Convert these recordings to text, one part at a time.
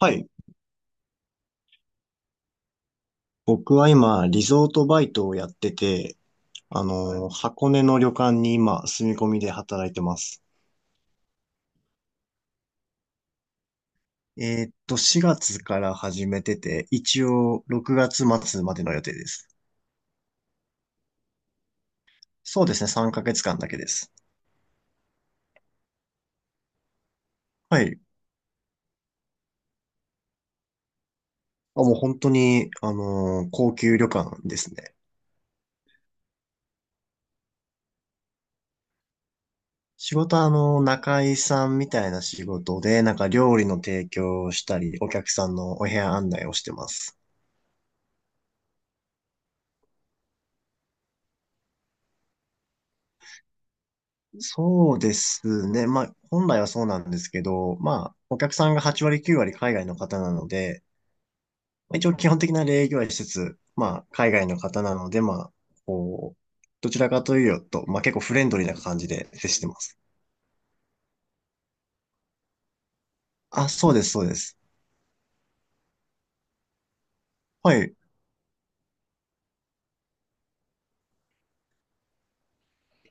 はい。僕は今、リゾートバイトをやってて、箱根の旅館に今、住み込みで働いてます。4月から始めてて、一応、6月末までの予定です。そうですね、3ヶ月間だけです。はい。あ、もう本当に、高級旅館ですね。仕事は、仲居さんみたいな仕事で、なんか料理の提供をしたり、お客さんのお部屋案内をしてます。そうですね。まあ、本来はそうなんですけど、まあ、お客さんが8割9割海外の方なので、まあ、一応基本的な礼儀はしつつ、まあ、海外の方なので、まあ、こう、どちらかというと、まあ結構フレンドリーな感じで接してます。あ、そうです、そうです。はい。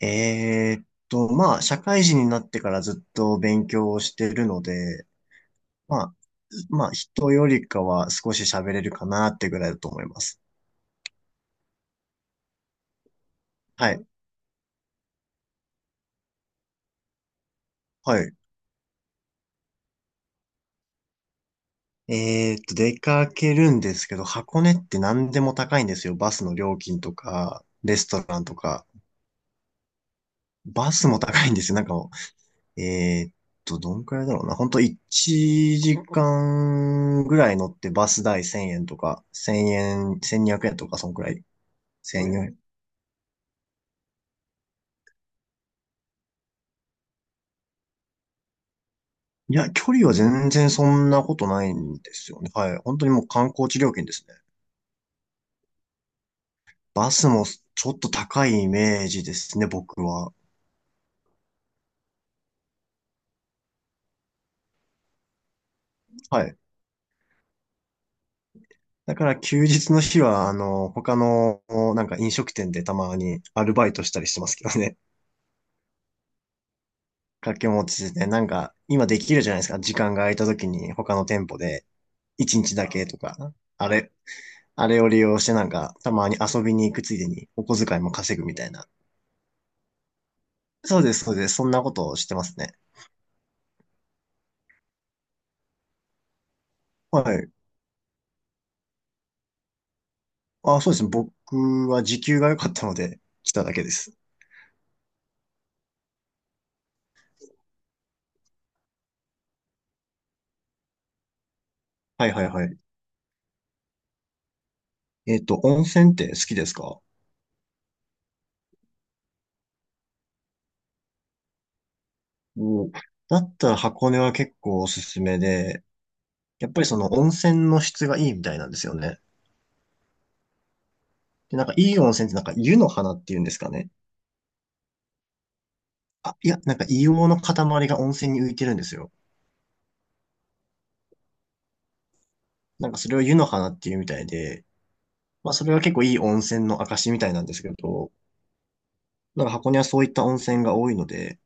まあ、社会人になってからずっと勉強をしてるので、まあ、まあ、人よりかは少し喋れるかなってぐらいだと思います。はい。はい。出かけるんですけど、箱根って何でも高いんですよ。バスの料金とか、レストランとか。バスも高いんですよ。なんかもう、どんくらいだろうな。ほんと1時間ぐらい乗ってバス代1000円とか、1円、1200円とか、そんくらい。1 4 0円。いや、距離は全然そんなことないんですよね。はい。本当にもう観光地料金ですね。バスもちょっと高いイメージですね、僕は。はい。だから休日の日は、他の、なんか飲食店でたまにアルバイトしたりしてますけどね。掛け持ちで、なんか、今できるじゃないですか。時間が空いた時に他の店舗で1日だけとか、あれを利用してなんか、たまに遊びに行くついでにお小遣いも稼ぐみたいな。そうです、そうです。そんなことをしてますね。はい。あ、そうですね。僕は時給が良かったので来ただけです。はいはいはい。温泉って好きですか？おだったら箱根は結構おすすめで、やっぱりその温泉の質がいいみたいなんですよね。で、なんかいい温泉ってなんか湯の花っていうんですかね。あ、いや、なんか硫黄の塊が温泉に浮いてるんですよ。なんかそれを湯の花っていうみたいで、まあそれは結構いい温泉の証みたいなんですけど、なんか箱根はそういった温泉が多いので、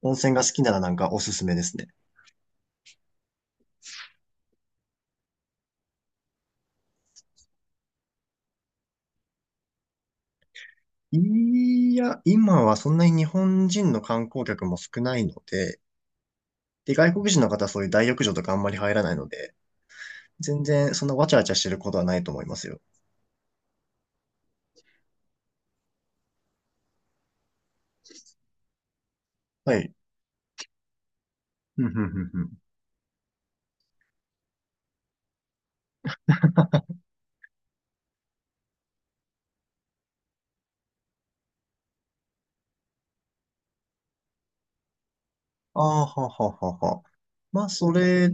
温泉が好きならなんかおすすめですね。いや、今はそんなに日本人の観光客も少ないので、で、外国人の方はそういう大浴場とかあんまり入らないので、全然そんなわちゃわちゃしてることはないと思いますよ。はい。うんうんうんうん。ああ、はははは。まあ、それ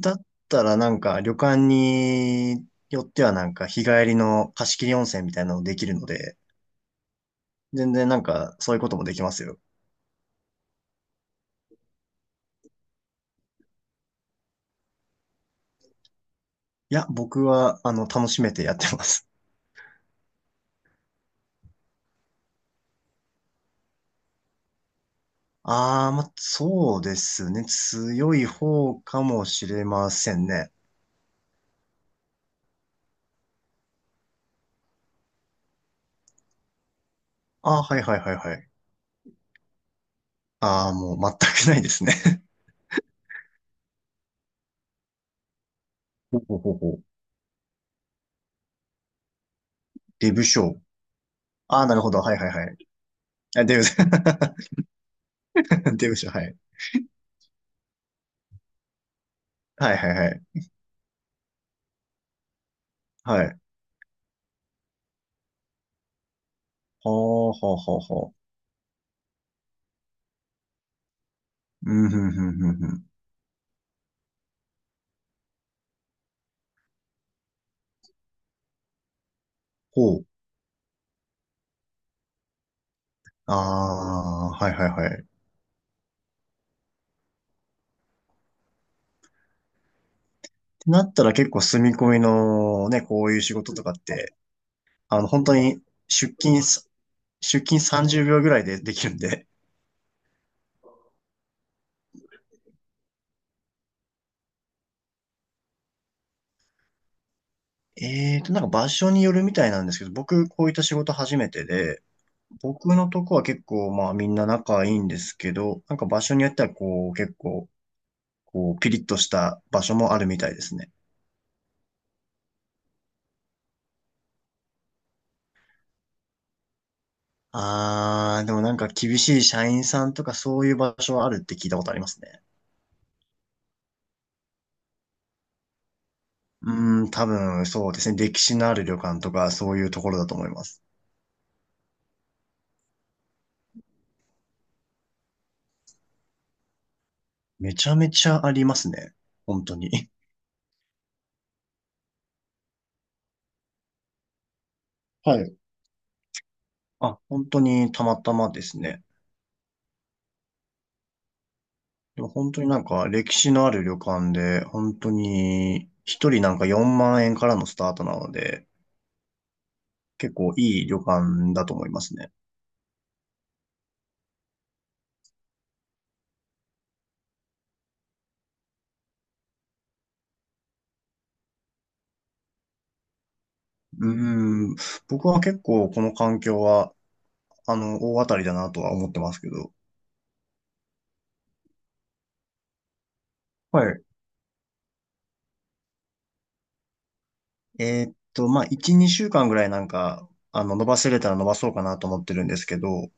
だったらなんか旅館によってはなんか日帰りの貸し切り温泉みたいなのできるので、全然なんかそういうこともできますよ。いや、僕はあの楽しめてやってます。ああ、まあ、そうですね。強い方かもしれませんね。ああ、はいはいはいはい。ああ、もう全くないですね。ほうほうほうほう。デブ賞。ああ、なるほど。はいはいはい。あ、デブ、デブショー。はいはいはいはい。はい。はあ、はあ、はあ、はあ。うん、ふん、ふん、ふん、ふん。ほう。ああ、はい、はい、はい。ってなったら結構住み込みのね、こういう仕事とかって、本当に出勤す、出勤30秒ぐらいでできるんで。なんか場所によるみたいなんですけど、僕、こういった仕事初めてで、僕のとこは結構、まあみんな仲いいんですけど、なんか場所によってはこう、結構、ピリッとした場所もあるみたいですね。あー、でもなんか厳しい社員さんとかそういう場所はあるって聞いたことありますね。うーん、多分そうですね。歴史のある旅館とかそういうところだと思います。めちゃめちゃありますね。本当に。はい。あ、本当にたまたまですね。でも本当になんか歴史のある旅館で、本当に一人なんか4万円からのスタートなので、結構いい旅館だと思いますね。うーん、僕は結構この環境は、大当たりだなとは思ってますけど。はい。まあ、1、2週間ぐらいなんか、伸ばせれたら伸ばそうかなと思ってるんですけど、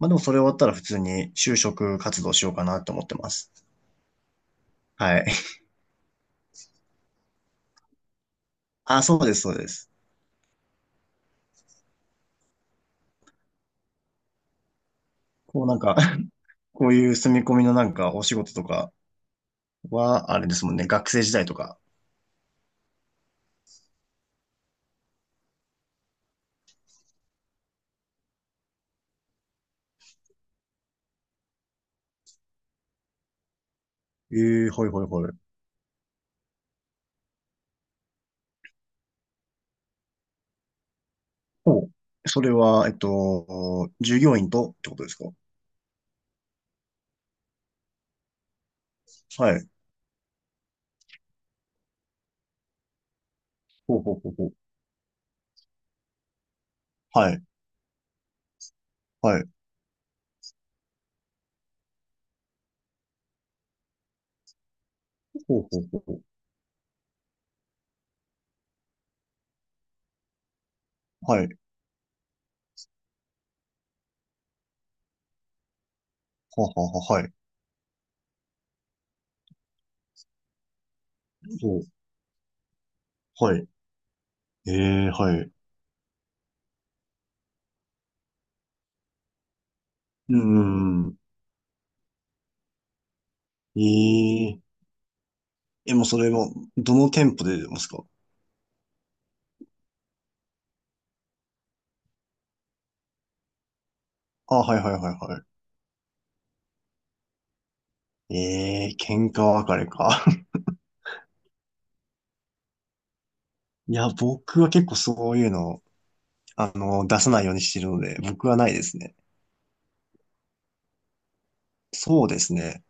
まあ、でもそれ終わったら普通に就職活動しようかなと思ってます。はい。あ、そうです、そうです。なんか こういう住み込みのなんかお仕事とかは、あれですもんね、学生時代とか。ええはいはいはい。ほう。それは、従業員とってことですか？はい。ほうほうほうほう。はい。はい。ほうほうほうほう。はい。はははは、はい。ほう。はい。ええはい。うーん。えええ、もうそれも、どの店舗で出てますか？あ、はいはいはいはい。ええ、喧嘩別れか。いや、僕は結構そういうの、出さないようにしてるので、僕はないですね。そうですね。